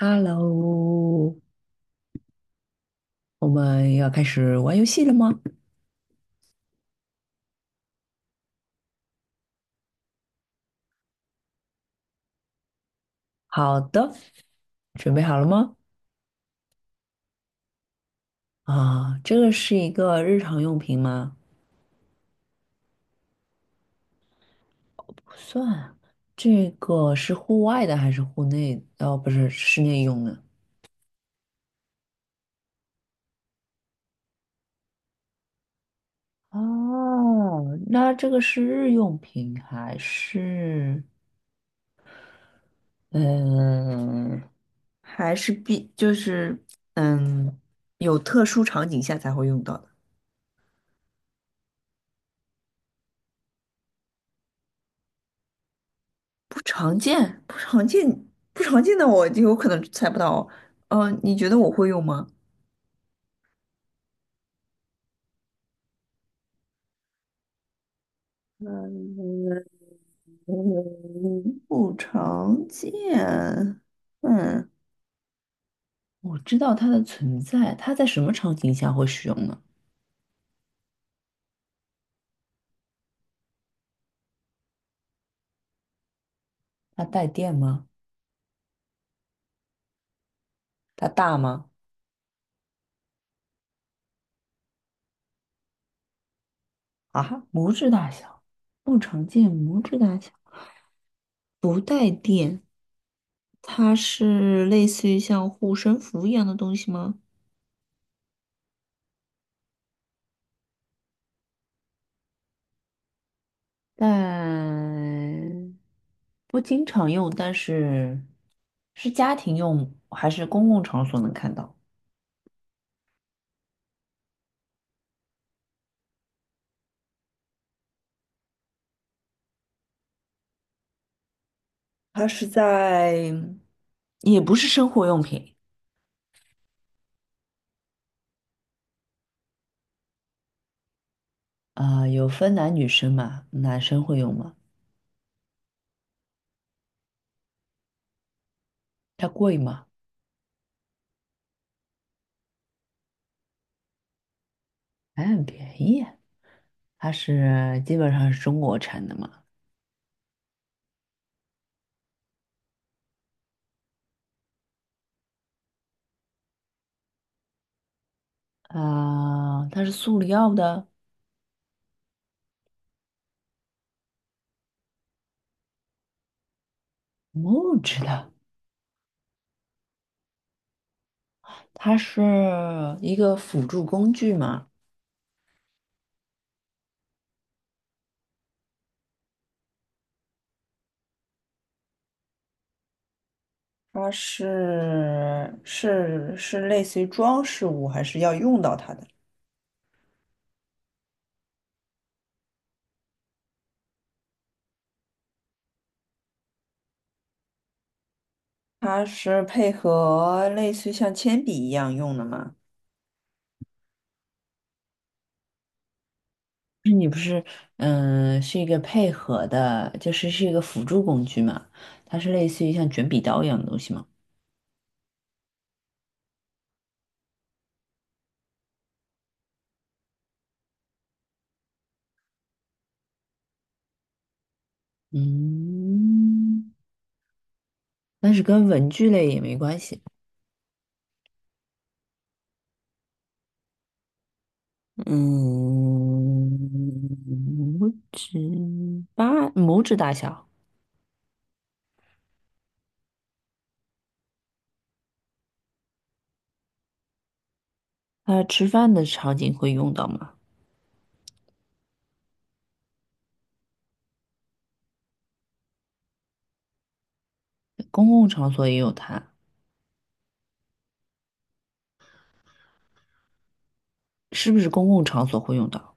Hello，我们要开始玩游戏了吗？好的，准备好了吗？啊，这个是一个日常用品吗？不算，这个是户外的还是户内？哦，不是，室内用的。哦，那这个是日用品还是嗯，还是必就是嗯，有特殊场景下才会用到的。不常见，不常见，不常见的我就有可能猜不到。你觉得我会用吗？嗯，嗯，不常见。嗯，我知道它的存在，它在什么场景下会使用呢？它带电吗？它大吗？啊，拇指大小，不常见，拇指大小，不带电。它是类似于像护身符一样的东西吗？但不经常用，但是是家庭用还是公共场所能看到？它是在，也不是生活用品啊，有分男女生嘛，男生会用吗？它贵吗？还很便宜啊，它是基本上是中国产的嘛，啊，它是塑料的，木质的，它是一个辅助工具嘛。它是类似于装饰物，还是要用到它的？它是配合类似于像铅笔一样用的吗？你不是，嗯，是一个配合的，就是是一个辅助工具嘛，它是类似于像卷笔刀一样的东西嘛。嗯，但是跟文具类也没关系。嗯，拇指拇指大小，它吃饭的场景会用到吗？公共场所也有它，是不是公共场所会用到？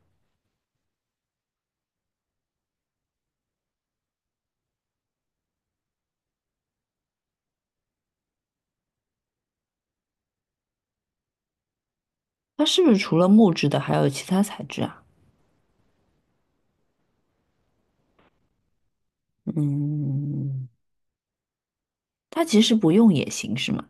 它是不是除了木质的还有其他材质啊？嗯，它其实不用也行是吗？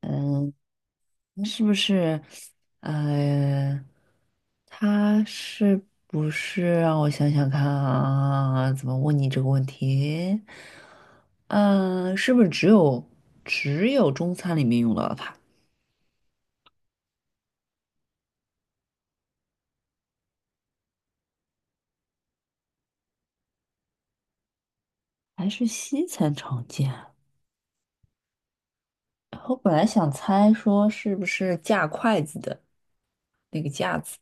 嗯，那是不是？呃，它是不是让我想想看啊？怎么问你这个问题？嗯，是不是只有中餐里面用到它，还是西餐常见啊？我本来想猜说是不是架筷子的。那个架子，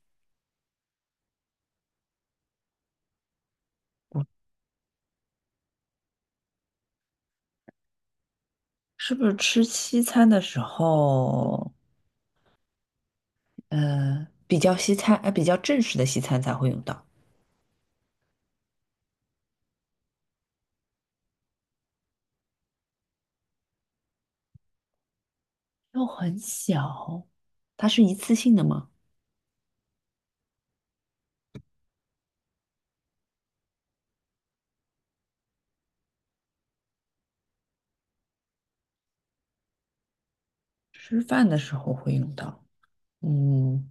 是不是吃西餐的时候，比较正式的西餐才会用到？又很小，它是一次性的吗？吃饭的时候会用到，嗯，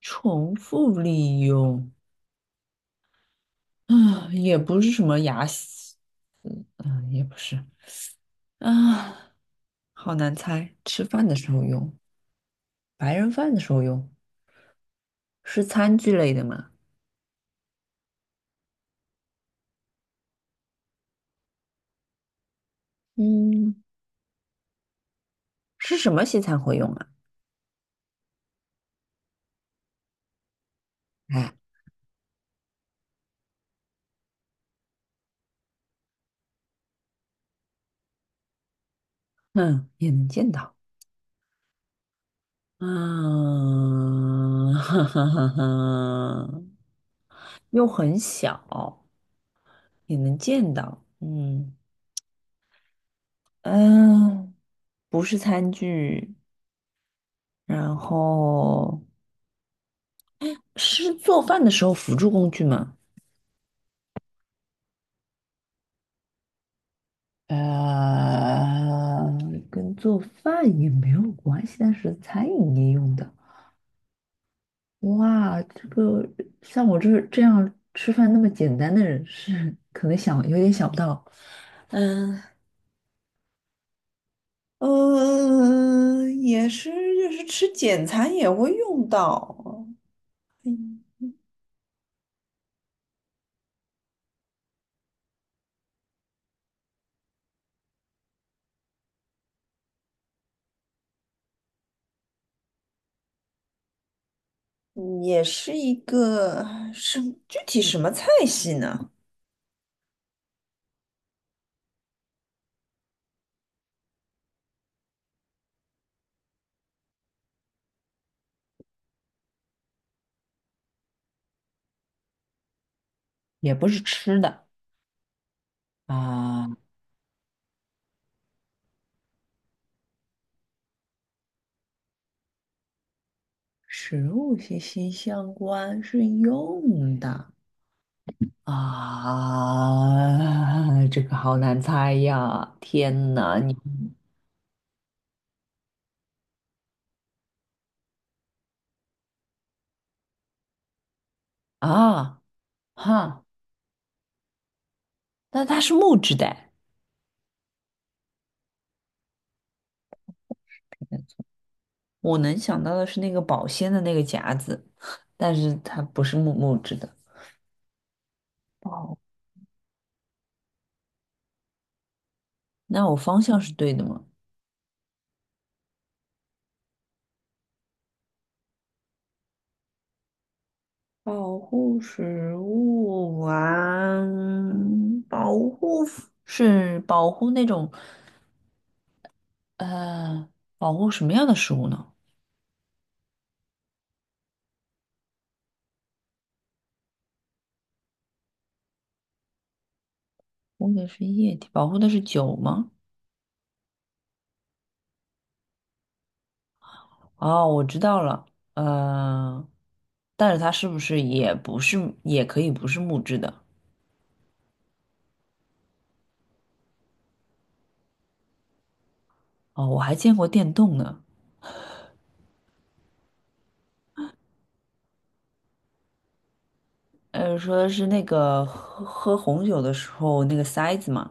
重复利用，啊，也不是什么牙洗嗯嗯，也不是，啊，好难猜，吃饭的时候用，白人饭的时候用，是餐具类的吗？嗯，是什么西餐会用啊？哎。嗯，也能见到。啊，哈哈哈哈，又很小，也能见到。嗯嗯，不是餐具，然后是做饭的时候辅助工具吗？呃，跟做饭也没有关系，但是餐饮业用的。哇，这个像我这样吃饭那么简单的人是可能想有点想不到。嗯，嗯，也是，就是吃简餐也会用到，嗯，也是一个什具体什么菜系呢？也不是吃的啊，食物息息相关，是用的。啊，这个好难猜呀！天哪，你啊哈，那它是木质的，我能想到的是那个保鲜的那个夹子，但是它不是木质的。哦，那我方向是对的吗？保护食物啊，保护是保护那种呃，保护什么样的食物呢？保护的是液体，保护的是酒吗？哦，我知道了，呃，但是它是不是也不是，也可以不是木质的？哦，我还见过电动呢。说是那个喝红酒的时候那个塞子嘛，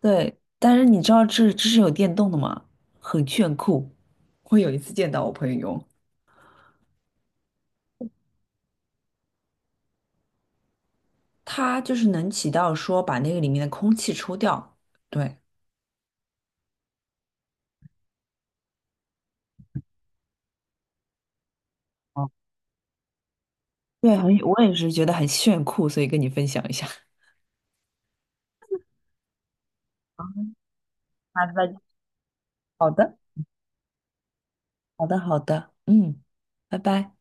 对，但是你知道这是有电动的吗？很炫酷。我有一次见到我朋友用，它就是能起到说把那个里面的空气抽掉。对，哦，对，很，我也是觉得很炫酷，所以跟你分享一下。好的，好的，好的，好的，嗯，拜拜。